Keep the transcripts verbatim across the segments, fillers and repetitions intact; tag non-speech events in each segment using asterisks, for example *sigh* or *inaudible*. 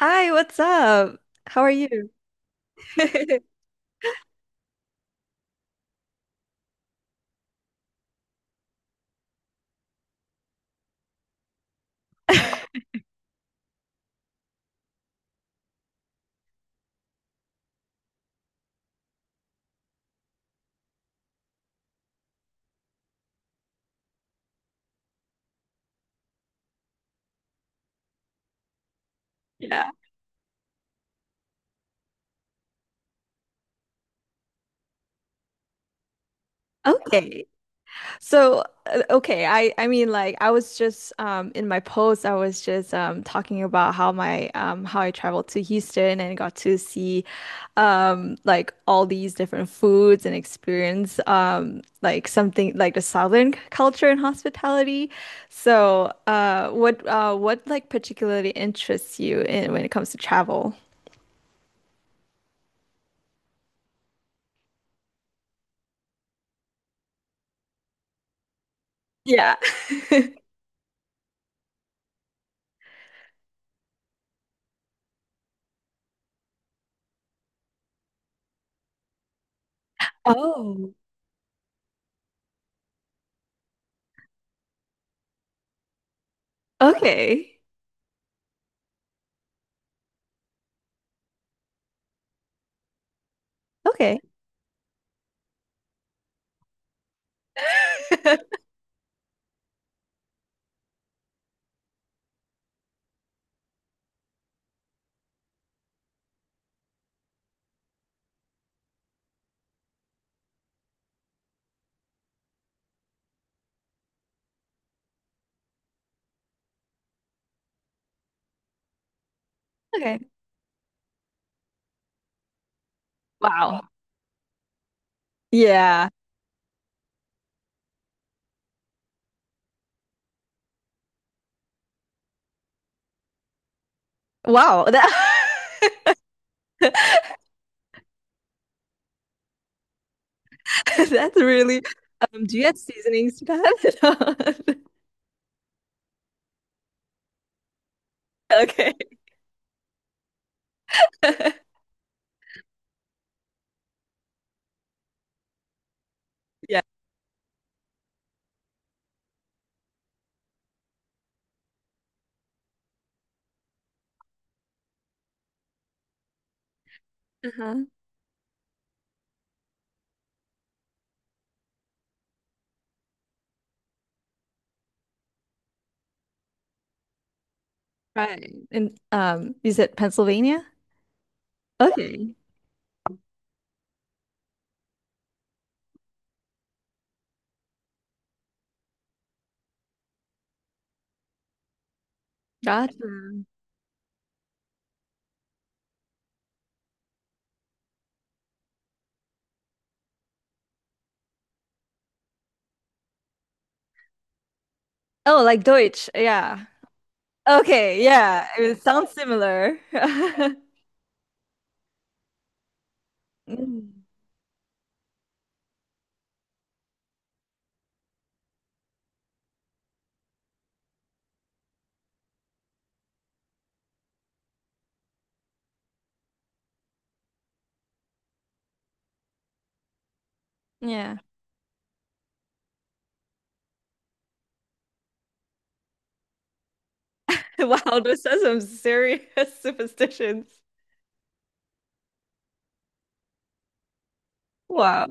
Hi, what's up? How are you? *laughs* Yeah. Okay. So, uh, okay, I I mean, like, I was just um in my post I was just um talking about how my um how I traveled to Houston and got to see um like all these different foods and experience um like something like the Southern c- culture and hospitality. So, uh what uh what, like, particularly interests you in when it comes to travel? Yeah. *laughs* Oh. Okay. Okay. *laughs* Okay. Wow. Yeah. Wow. That *laughs* that's really um do you add seasonings to that? *laughs* Okay. *laughs* Yeah. Uh-huh. Right. And um you said Pennsylvania? Okay. Gotcha. Oh, like Deutsch. Yeah. Okay, yeah. It sounds similar. *laughs* Mm. Yeah. *laughs* Wow, those are some serious *laughs* superstitions. Wow.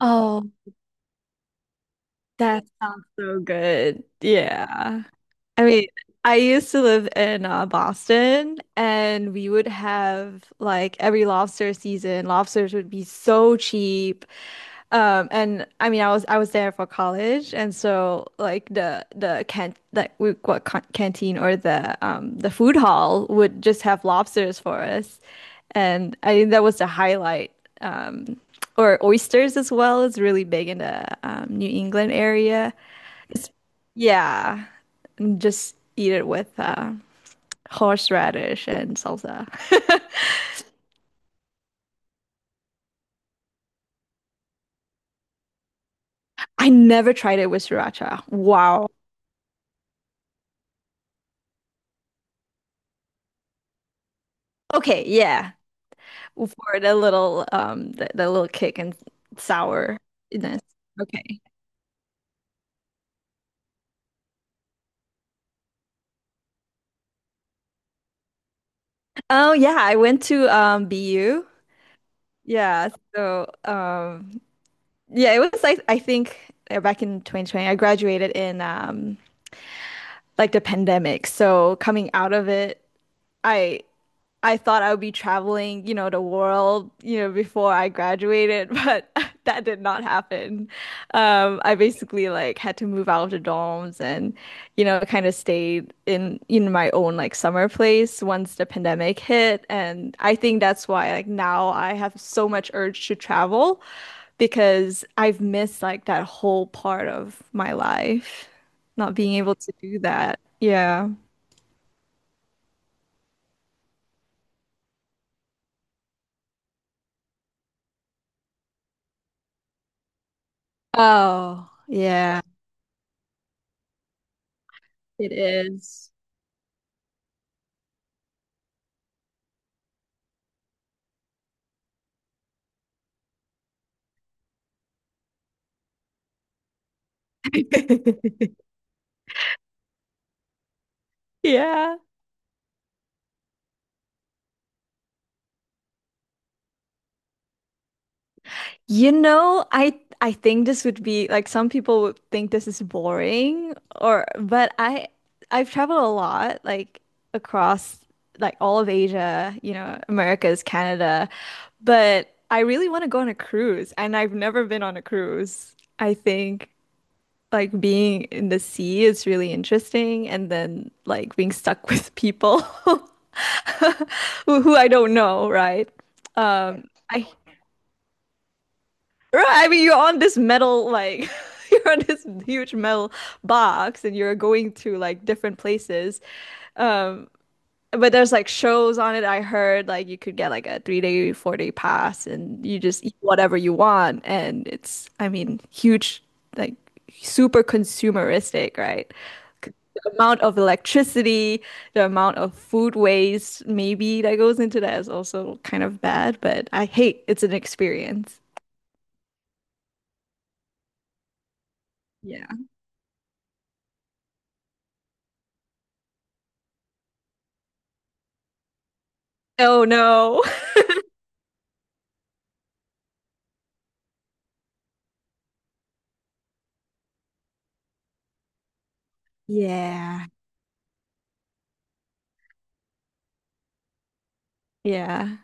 Oh. That sounds so good. Yeah. I mean, I used to live in uh, Boston, and we would have, like, every lobster season, lobsters would be so cheap. Um and I mean, I was I was there for college, and so like the the can like we what can canteen, or the um the food hall would just have lobsters for us. And I think that was the highlight. Um or oysters as well is really big in the um, New England area. It's, yeah, just eat it with uh, horseradish and salsa. *laughs* I never tried it with sriracha. Wow. Okay, yeah, for the little um the, the little kick and sourness. Okay. Oh yeah, I went to um B U. Yeah, so um yeah, it was like I think uh, back in twenty twenty I graduated in um like the pandemic. So coming out of it, I I thought I would be traveling, you know, the world, you know, before I graduated, but *laughs* that did not happen. Um, I basically like had to move out of the dorms and, you know, kind of stayed in in my own like summer place once the pandemic hit. And I think that's why like now I have so much urge to travel because I've missed like that whole part of my life, not being able to do that. Yeah. Oh, yeah, it is. *laughs* Yeah. You know, I I think this would be like some people would think this is boring or but I I've traveled a lot, like, across like all of Asia, you know, Americas, Canada, but I really want to go on a cruise, and I've never been on a cruise. I think like being in the sea is really interesting, and then like being stuck with people *laughs* who who I don't know, right? Um I Right, I mean, you're on this metal, like, *laughs* you're on this huge metal box and you're going to like different places. But there's like shows on it. I heard like you could get like a three day, four day pass and you just eat whatever you want. And it's, I mean, huge, like, super consumeristic, right? The amount of electricity, the amount of food waste, maybe, that goes into that is also kind of bad, but I hate it's an experience. Yeah. Oh no. Yeah, yeah.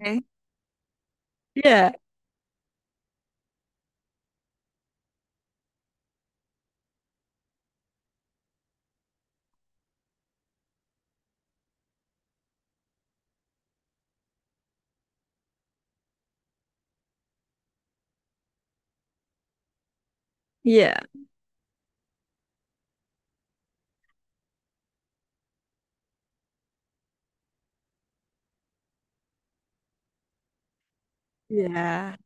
Okay. Yeah, yeah, yeah.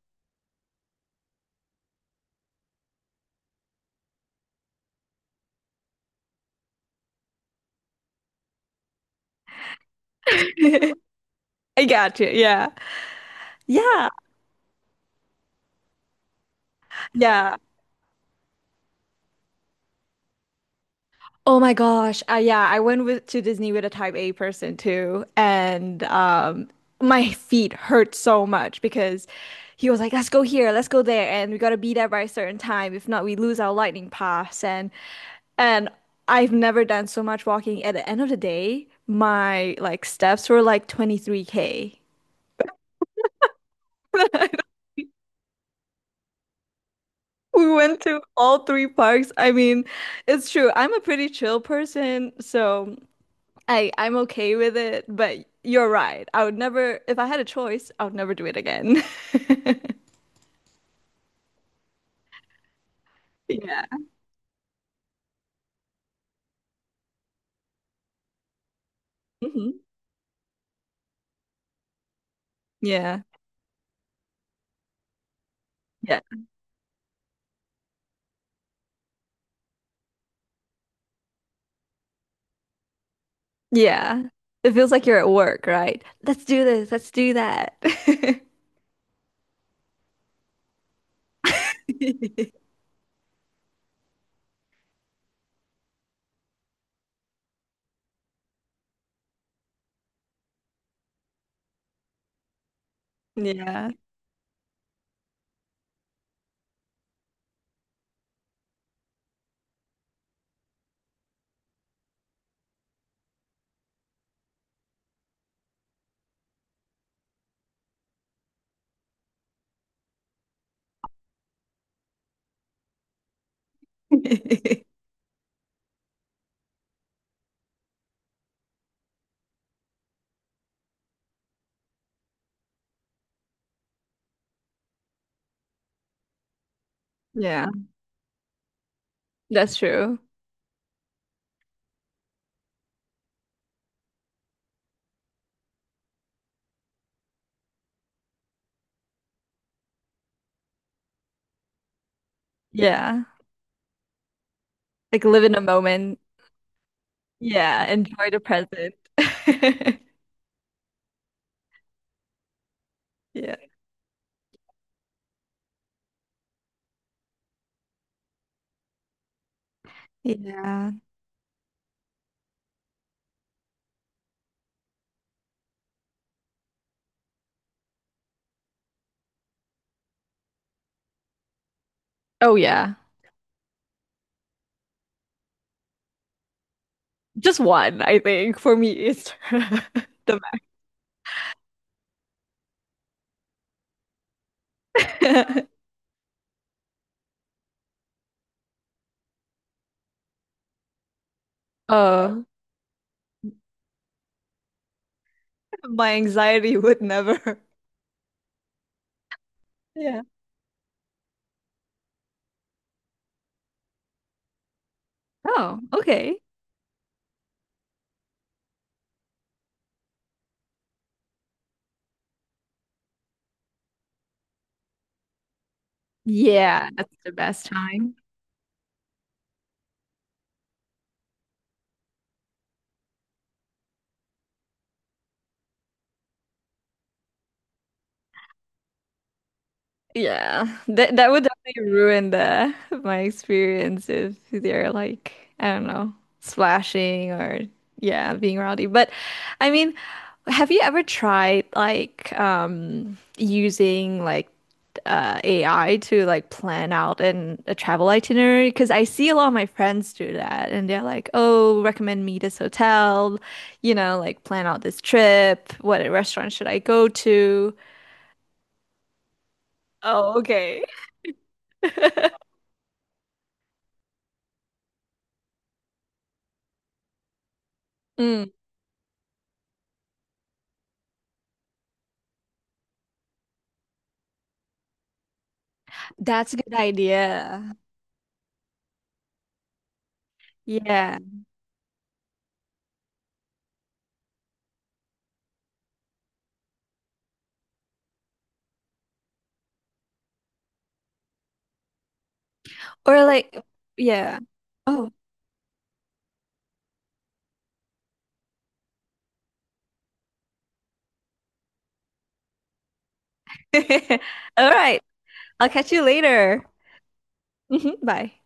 *laughs* I got you. Yeah, yeah, yeah. Oh my gosh. Uh, yeah, I went with to Disney with a type A person too, and um, my feet hurt so much because he was like, "Let's go here, let's go there, and we gotta be there by a certain time. If not, we lose our lightning pass." And and I've never done so much walking. At the end of the day, my like steps were like twenty-three k. We went to all three parks. I mean, it's true. I'm a pretty chill person, so I I'm okay with it, but you're right. I would never, if I had a choice, I would never do it again. *laughs* Yeah. Hmm. Yeah. Yeah. Yeah. It feels like you're at work, right? Let's do this. Let's do that. *laughs* Yeah. *laughs* Yeah. That's true. Yeah. Like live in a moment. Yeah. Enjoy the present. *laughs* Yeah. Yeah. Oh, yeah. Just one, I think, for me is *laughs* the math. *laughs* Oh. My anxiety would never. Yeah. Oh, okay. Yeah, that's the best time. Yeah. That that would definitely ruin the my experience if they're like, I don't know, splashing or yeah, being rowdy. But I mean, have you ever tried like um using like uh A I to like plan out an a travel itinerary? Because I see a lot of my friends do that, and they're like, "Oh, recommend me this hotel, you know, like plan out this trip, what restaurant should I go to?" Oh, okay. *laughs* Mm, that's a good idea. Yeah. Or like yeah. Oh. *laughs* All right. I'll catch you later. Mhm. Bye.